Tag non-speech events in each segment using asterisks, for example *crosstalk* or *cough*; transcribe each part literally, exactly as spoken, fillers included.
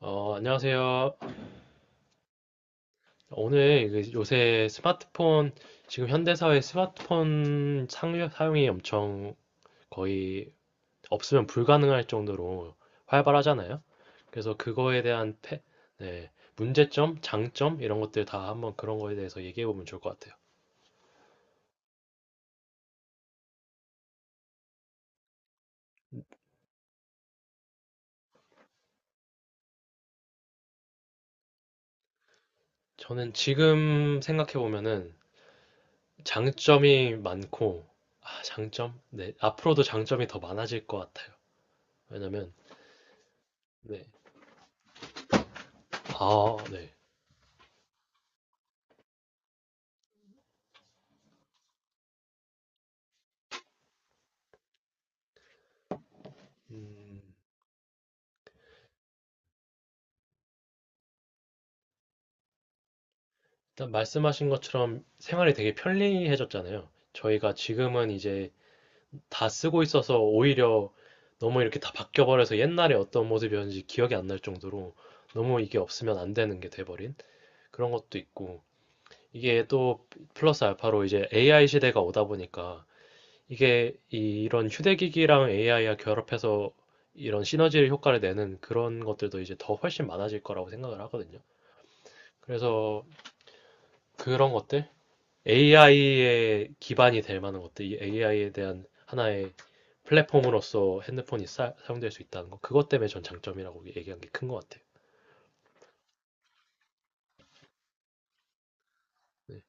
어, 안녕하세요. 오늘 그 요새 스마트폰, 지금 현대사회 스마트폰 상- 사용이 엄청 거의 없으면 불가능할 정도로 활발하잖아요. 그래서 그거에 대한 패- 네, 문제점, 장점, 이런 것들 다 한번 그런 거에 대해서 얘기해 보면 좋을 것 같아요. 저는 지금 생각해 보면은 장점이 많고, 아, 장점? 네, 앞으로도 장점이 더 많아질 것 같아요. 왜냐면, 네. 아, 네. 음, 일단 말씀하신 것처럼 생활이 되게 편리해졌잖아요. 저희가 지금은 이제 다 쓰고 있어서 오히려 너무 이렇게 다 바뀌어버려서 옛날에 어떤 모습이었는지 기억이 안 날 정도로 너무 이게 없으면 안 되는 게 돼버린 그런 것도 있고 이게 또 플러스 알파로 이제 에이아이 시대가 오다 보니까 이게 이- 이런 휴대기기랑 에이아이와 결합해서 이런 시너지 효과를 내는 그런 것들도 이제 더 훨씬 많아질 거라고 생각을 하거든요. 그래서 그런 것들? 에이아이의 기반이 될 만한 것들, 이 에이아이에 대한 하나의 플랫폼으로서 핸드폰이 사, 사용될 수 있다는 거, 그것 때문에 전 장점이라고 얘기한 게 큰 것 같아요. 네.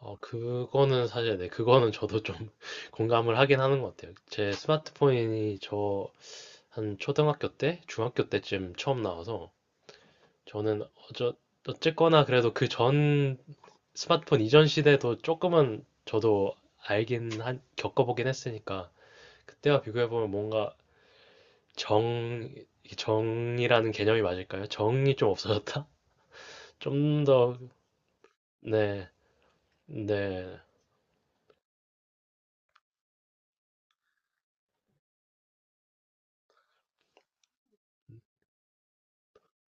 어, 그거는 사실, 네, 그거는 저도 좀 *laughs* 공감을 하긴 하는 것 같아요. 제 스마트폰이 저 한 초등학교 때, 중학교 때쯤 처음 나와서, 저는 어저, 어쨌거나 그래도 그 전 스마트폰 이전 시대도 조금은 저도 알긴 한, 겪어보긴 했으니까, 그때와 비교해보면 뭔가 정 정이라는 개념이 맞을까요? 정이 좀 없어졌다? *laughs* 좀 더, 네, 네,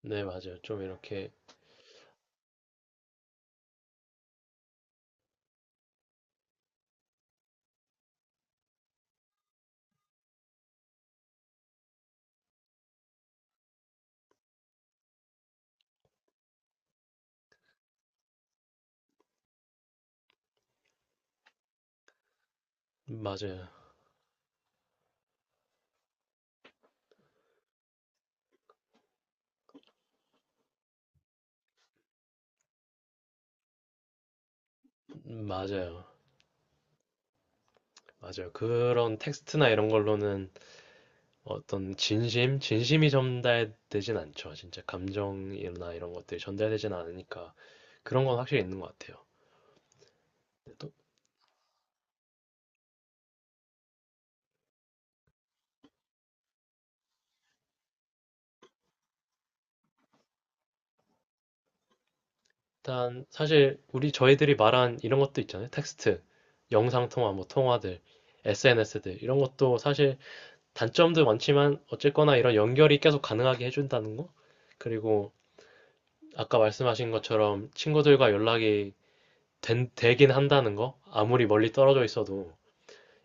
네, 맞아요. 좀 이렇게, 맞아요. 맞아요. 맞아요. 그런 텍스트나 이런 걸로는 어떤 진심, 진심이 전달되진 않죠. 진짜 감정이나 이런 것들이 전달되진 않으니까 그런 건 확실히 있는 것 같아요. 또 일단 사실 우리 저희들이 말한 이런 것도 있잖아요. 텍스트, 영상통화, 뭐 통화들, 에스엔에스들 이런 것도 사실 단점도 많지만 어쨌거나 이런 연결이 계속 가능하게 해준다는 거? 그리고 아까 말씀하신 것처럼 친구들과 연락이 된, 되긴 한다는 거? 아무리 멀리 떨어져 있어도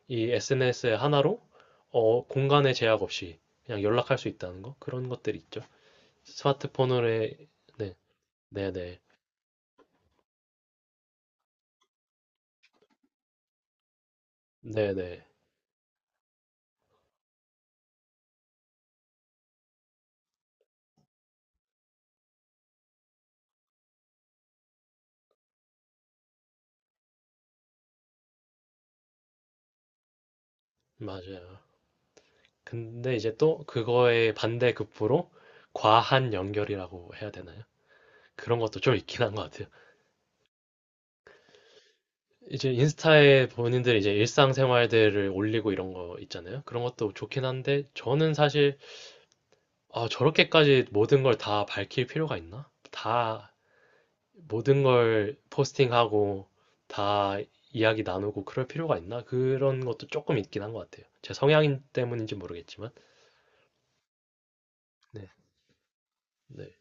이 에스엔에스 하나로 어, 공간의 제약 없이 그냥 연락할 수 있다는 거? 그런 것들이 있죠. 스마트폰으로의 네, 네, 네, 네, 네, 맞아요. 근데 이제 또 그거의 반대 급부로 과한 연결이라고 해야 되나요? 그런 것도 좀 있긴 한 것 같아요. 이제 인스타에 본인들 이제 일상생활들을 올리고 이런 거 있잖아요. 그런 것도 좋긴 한데 저는 사실 아, 저렇게까지 모든 걸 다 밝힐 필요가 있나? 다 모든 걸 포스팅하고 다 이야기 나누고 그럴 필요가 있나? 그런 것도 조금 있긴 한 것 같아요. 제 성향 때문인지 모르겠지만. 네, 네,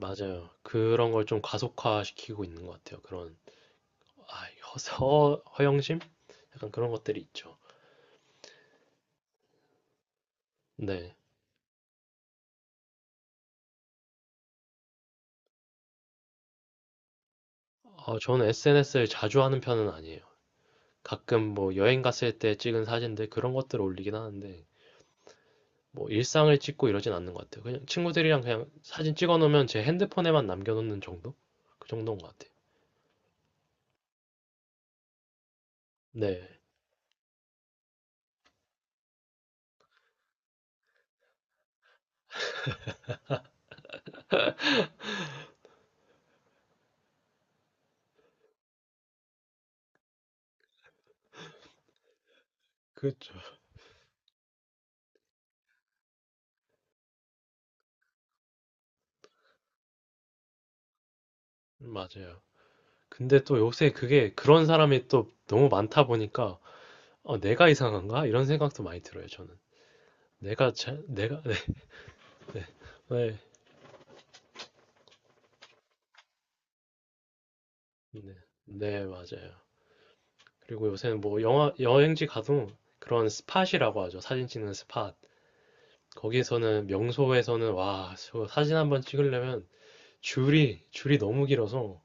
맞아요. 그런 걸 좀 가속화시키고 있는 것 같아요. 그런 아, 허, 허- 허영심? 약간 그런 것들이 있죠. 네. 어, 저는 에스엔에스를 자주 하는 편은 아니에요. 가끔 뭐 여행 갔을 때 찍은 사진들 그런 것들을 올리긴 하는데 뭐 일상을 찍고 이러진 않는 것 같아요. 그냥 친구들이랑 그냥 사진 찍어 놓으면 제 핸드폰에만 남겨놓는 정도? 그 정도인 것 같아요. 네, 그렇죠. 맞아요. 근데 또 요새 그게 그런 사람이 또 너무 많다 보니까 어, 내가 이상한가? 이런 생각도 많이 들어요, 저는. 내가 자, 내가 *laughs* 네, 네, 네, 네, 맞아요. 그리고 요새는 뭐 영화, 여행지 가도 그런 스팟이라고 하죠. 사진 찍는 스팟. 거기서는 명소에서는 와, 저 사진 한번 찍으려면 줄이, 줄이 너무 길어서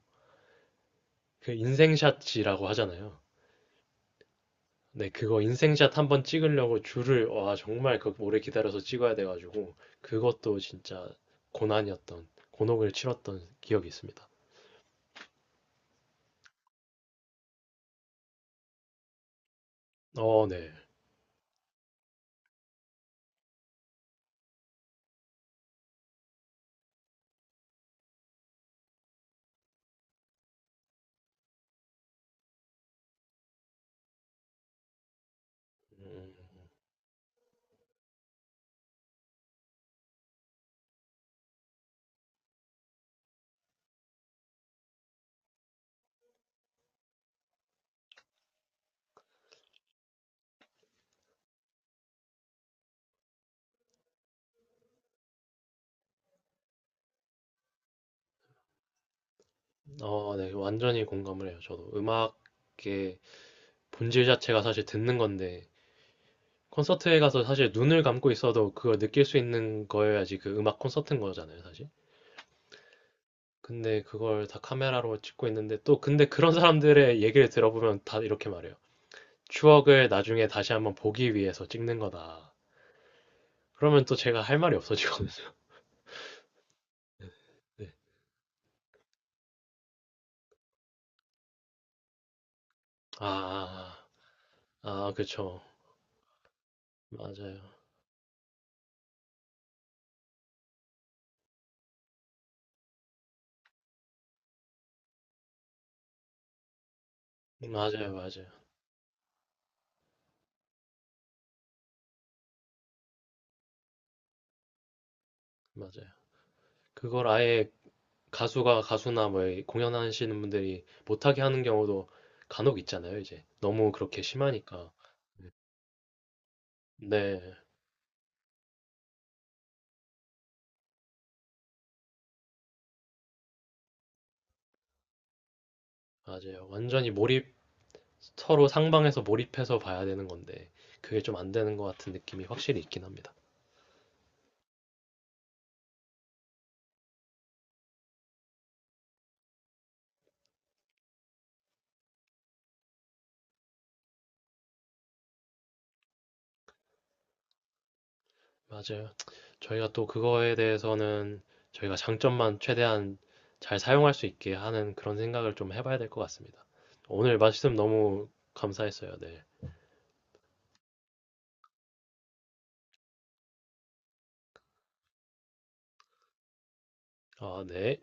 그 인생샷이라고 하잖아요. 네, 그거 인생샷 한번 찍으려고 줄을, 와, 정말 그 오래 기다려서 찍어야 돼가지고 그것도 진짜 고난이었던, 곤혹을 치렀던 기억이 있습니다. 어, 네. 음, 어, 네. 완전히 공감을 해요. 저도 음악의 본질 자체가 사실 듣는 건데 콘서트에 가서 사실 눈을 감고 있어도 그걸 느낄 수 있는 거여야지 그 음악 콘서트인 거잖아요, 사실. 근데 그걸 다 카메라로 찍고 있는데 또 근데 그런 *laughs* 사람들의 얘기를 들어보면 다 이렇게 말해요. 추억을 나중에 다시 한번 보기 위해서 찍는 거다. 그러면 또 제가 할 말이 없어지거든요. *laughs* 네. 아, 아, 아, 아, 그쵸. 맞아요. 맞아요, 맞아요, 맞아요. 그걸 아예 가수가 가수나 뭐 공연하시는 분들이 못하게 하는 경우도 간혹 있잖아요, 이제. 너무 그렇게 심하니까. 네. 맞아요. 완전히 몰입, 서로 상방에서 몰입해서 봐야 되는 건데, 그게 좀 안 되는 것 같은 느낌이 확실히 있긴 합니다. 맞아요. 저희가 또 그거에 대해서는 저희가 장점만 최대한 잘 사용할 수 있게 하는 그런 생각을 좀 해봐야 될 것 같습니다. 오늘 말씀 너무 감사했어요. 네. 아, 네.